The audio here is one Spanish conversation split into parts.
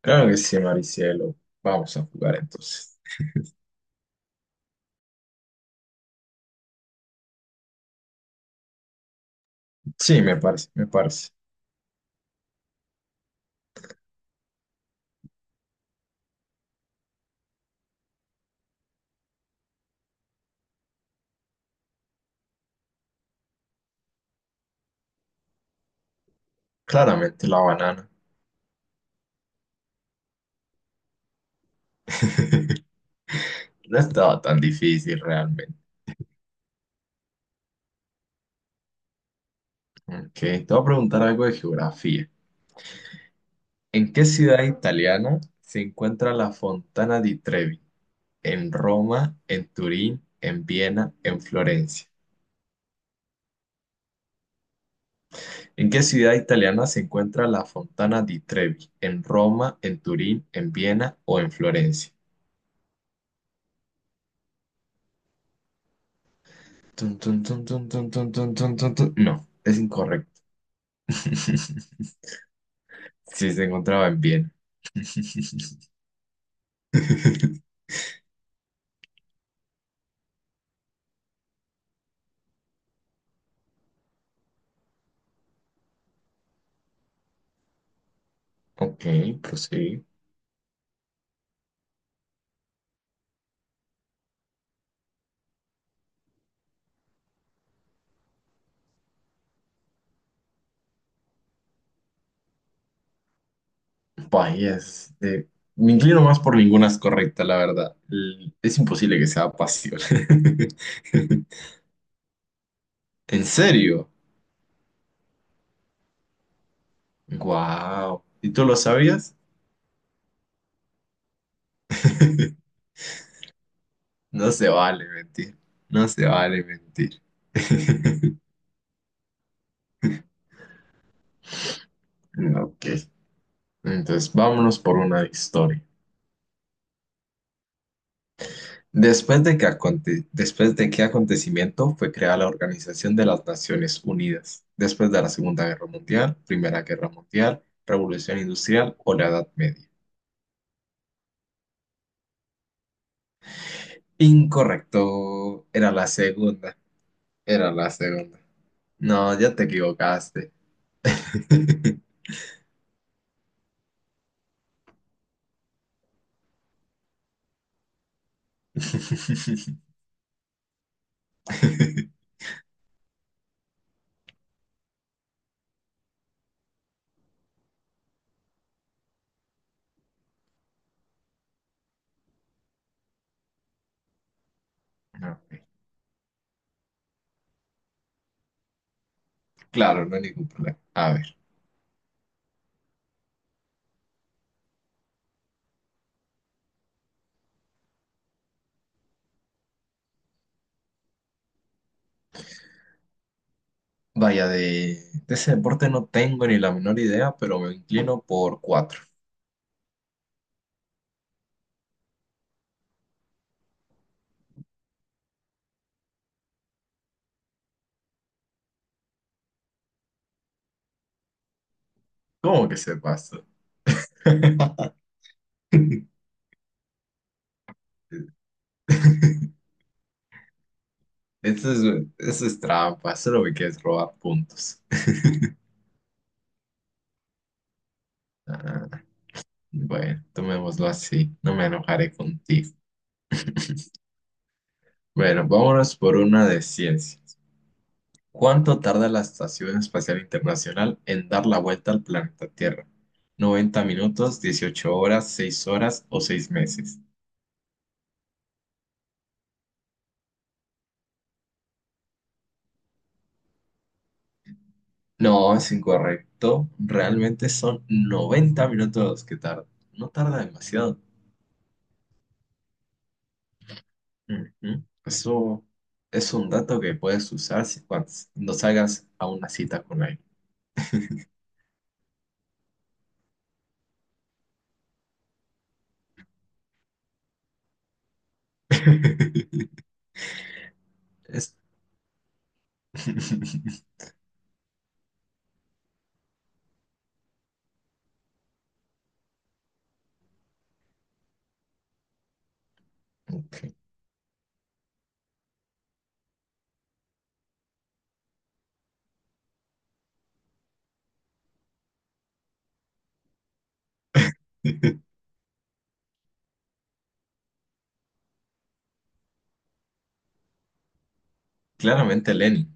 Claro que sí, Maricielo. Vamos a jugar entonces. Sí, me parece, me parece. Claramente la banana. No estaba tan difícil realmente. Ok, te voy a preguntar algo de geografía. ¿En qué ciudad italiana se encuentra la Fontana di Trevi? ¿En Roma, en Turín, en Viena, en Florencia? ¿En qué ciudad italiana se encuentra la Fontana di Trevi? ¿En Roma, en Turín, en Viena o en Florencia? Tun, tun, tun, tun, tun, tun, tun, tun, tun, tun. No, es incorrecto. Sí, se encontraba en bien. Ok, pues sí. Vaya, me inclino más por ninguna es correcta, la verdad. Es imposible que sea pasión. ¿En serio? Wow. ¿Y tú lo sabías? No se vale mentir. No se vale mentir. Ok. Entonces, vámonos por una de historia. Después de qué acontecimiento fue creada la Organización de las Naciones Unidas, después de la Segunda Guerra Mundial, Primera Guerra Mundial, Revolución Industrial o la Edad Media. Incorrecto, era la segunda, era la segunda. No, ya te equivocaste. No, ok. Claro, no hay ningún problema. A ver, vaya, de ese deporte no tengo ni la menor idea, pero me inclino por cuatro. ¿Cómo que se pasó? Eso es, eso es trampa, solo me quieres robar puntos. Ah, bueno, tomémoslo así, no me enojaré contigo. Bueno, vámonos por una de ciencias. ¿Cuánto tarda la Estación Espacial Internacional en dar la vuelta al planeta Tierra? ¿90 minutos, 18 horas, 6 horas o 6 meses? No, es incorrecto. Realmente son 90 minutos los que tarda. No tarda demasiado. Ujú. Eso es un dato que puedes usar si, cuando no salgas a una cita con alguien. Es- Claramente Lenin.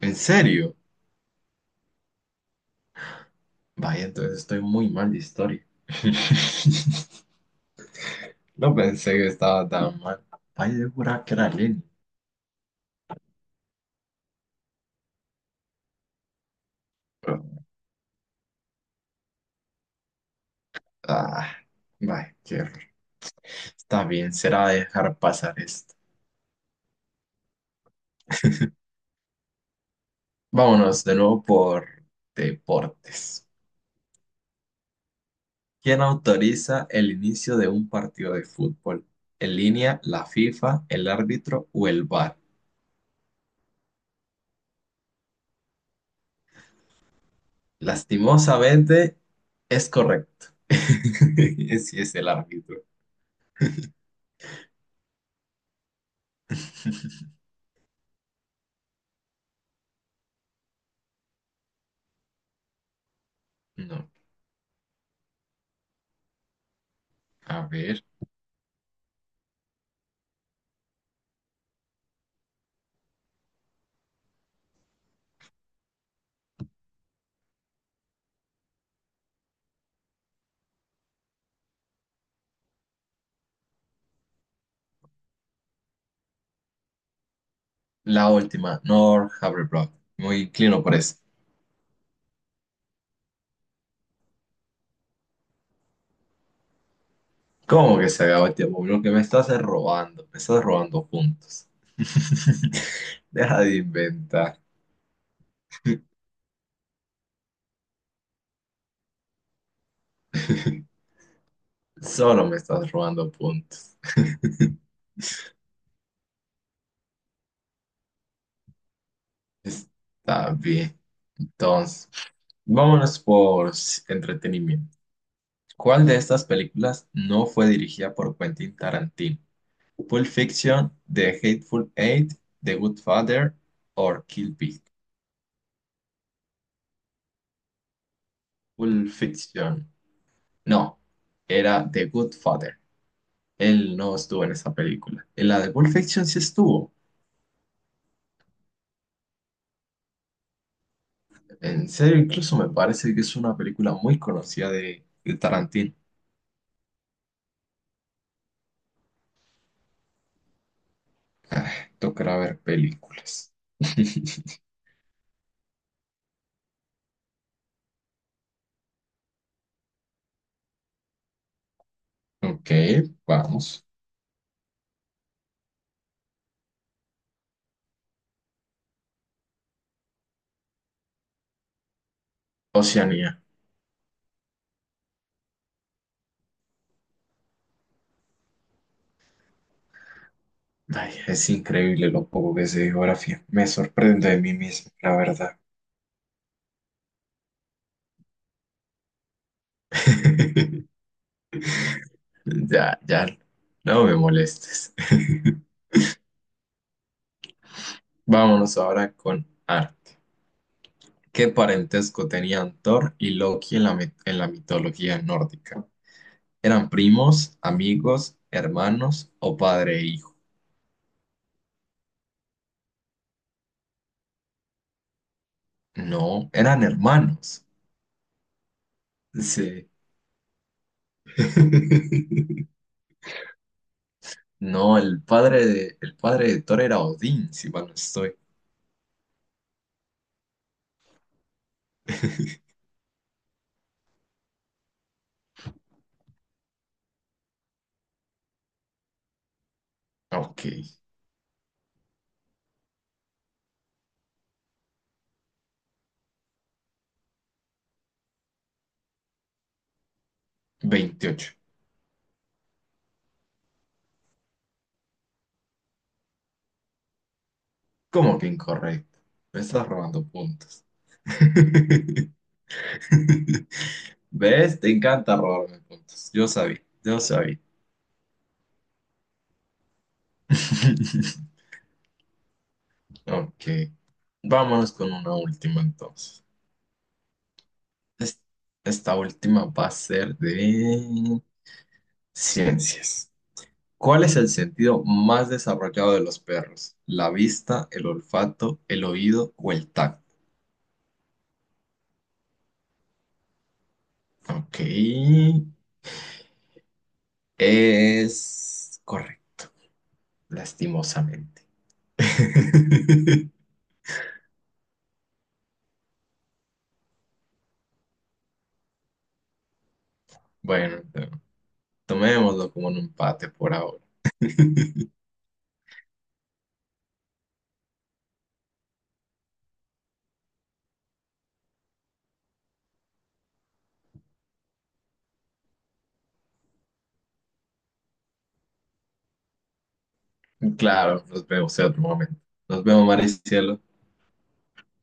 ¿En serio? Vaya, entonces estoy muy mal de historia. No pensé que estaba tan mal. Vaya, yo juraba que era Lenin. Ah, vaya, qué horror. Está bien, será dejar pasar esto. Vámonos de nuevo por deportes. ¿Quién autoriza el inicio de un partido de fútbol? ¿En línea, la FIFA, el árbitro o el VAR? Lastimosamente, es correcto. Sí, es el árbitro. No, a ver. La última, Nor Havertz. Muy inclino por eso. ¿Cómo que se acabó el tiempo? Lo que me estás es robando. Me estás robando puntos. Deja de inventar. Solo me estás robando puntos. Está bien. Entonces, vámonos por entretenimiento. ¿Cuál de estas películas no fue dirigida por Quentin Tarantino? Pulp Fiction, The Hateful Eight, The Good Father o Kill Bill. Pulp Fiction. No, era The Good Father. Él no estuvo en esa película. En la de Pulp Fiction sí estuvo. En serio, incluso me parece que es una película muy conocida de Tarantino. Ah, tocará ver películas. Ok, vamos. Oceanía. Ay, es increíble lo poco que sé de geografía. Me sorprendo de mí mismo, la verdad. Ya, ya. No me molestes. Vámonos ahora con arte. ¿Qué parentesco tenían Thor y Loki en la mitología nórdica? ¿Eran primos, amigos, hermanos o padre e hijo? No, eran hermanos. Sí. No, el padre de Thor era Odín, si mal no estoy. Ok, 28. ¿Cómo que incorrecto? Me estás robando puntos. ¿Ves? Te encanta robarme puntos. Yo sabía, yo sabía. Ok, vámonos con una última entonces. Es- Esta última va a ser de ciencias. ¿Cuál es el sentido más desarrollado de los perros? ¿La vista, el olfato, el oído o el tacto? Ok. Es correcto, lastimosamente. Bueno, tomémoslo como un empate por ahora. Claro, nos vemos en otro momento. Nos vemos, Maricielo.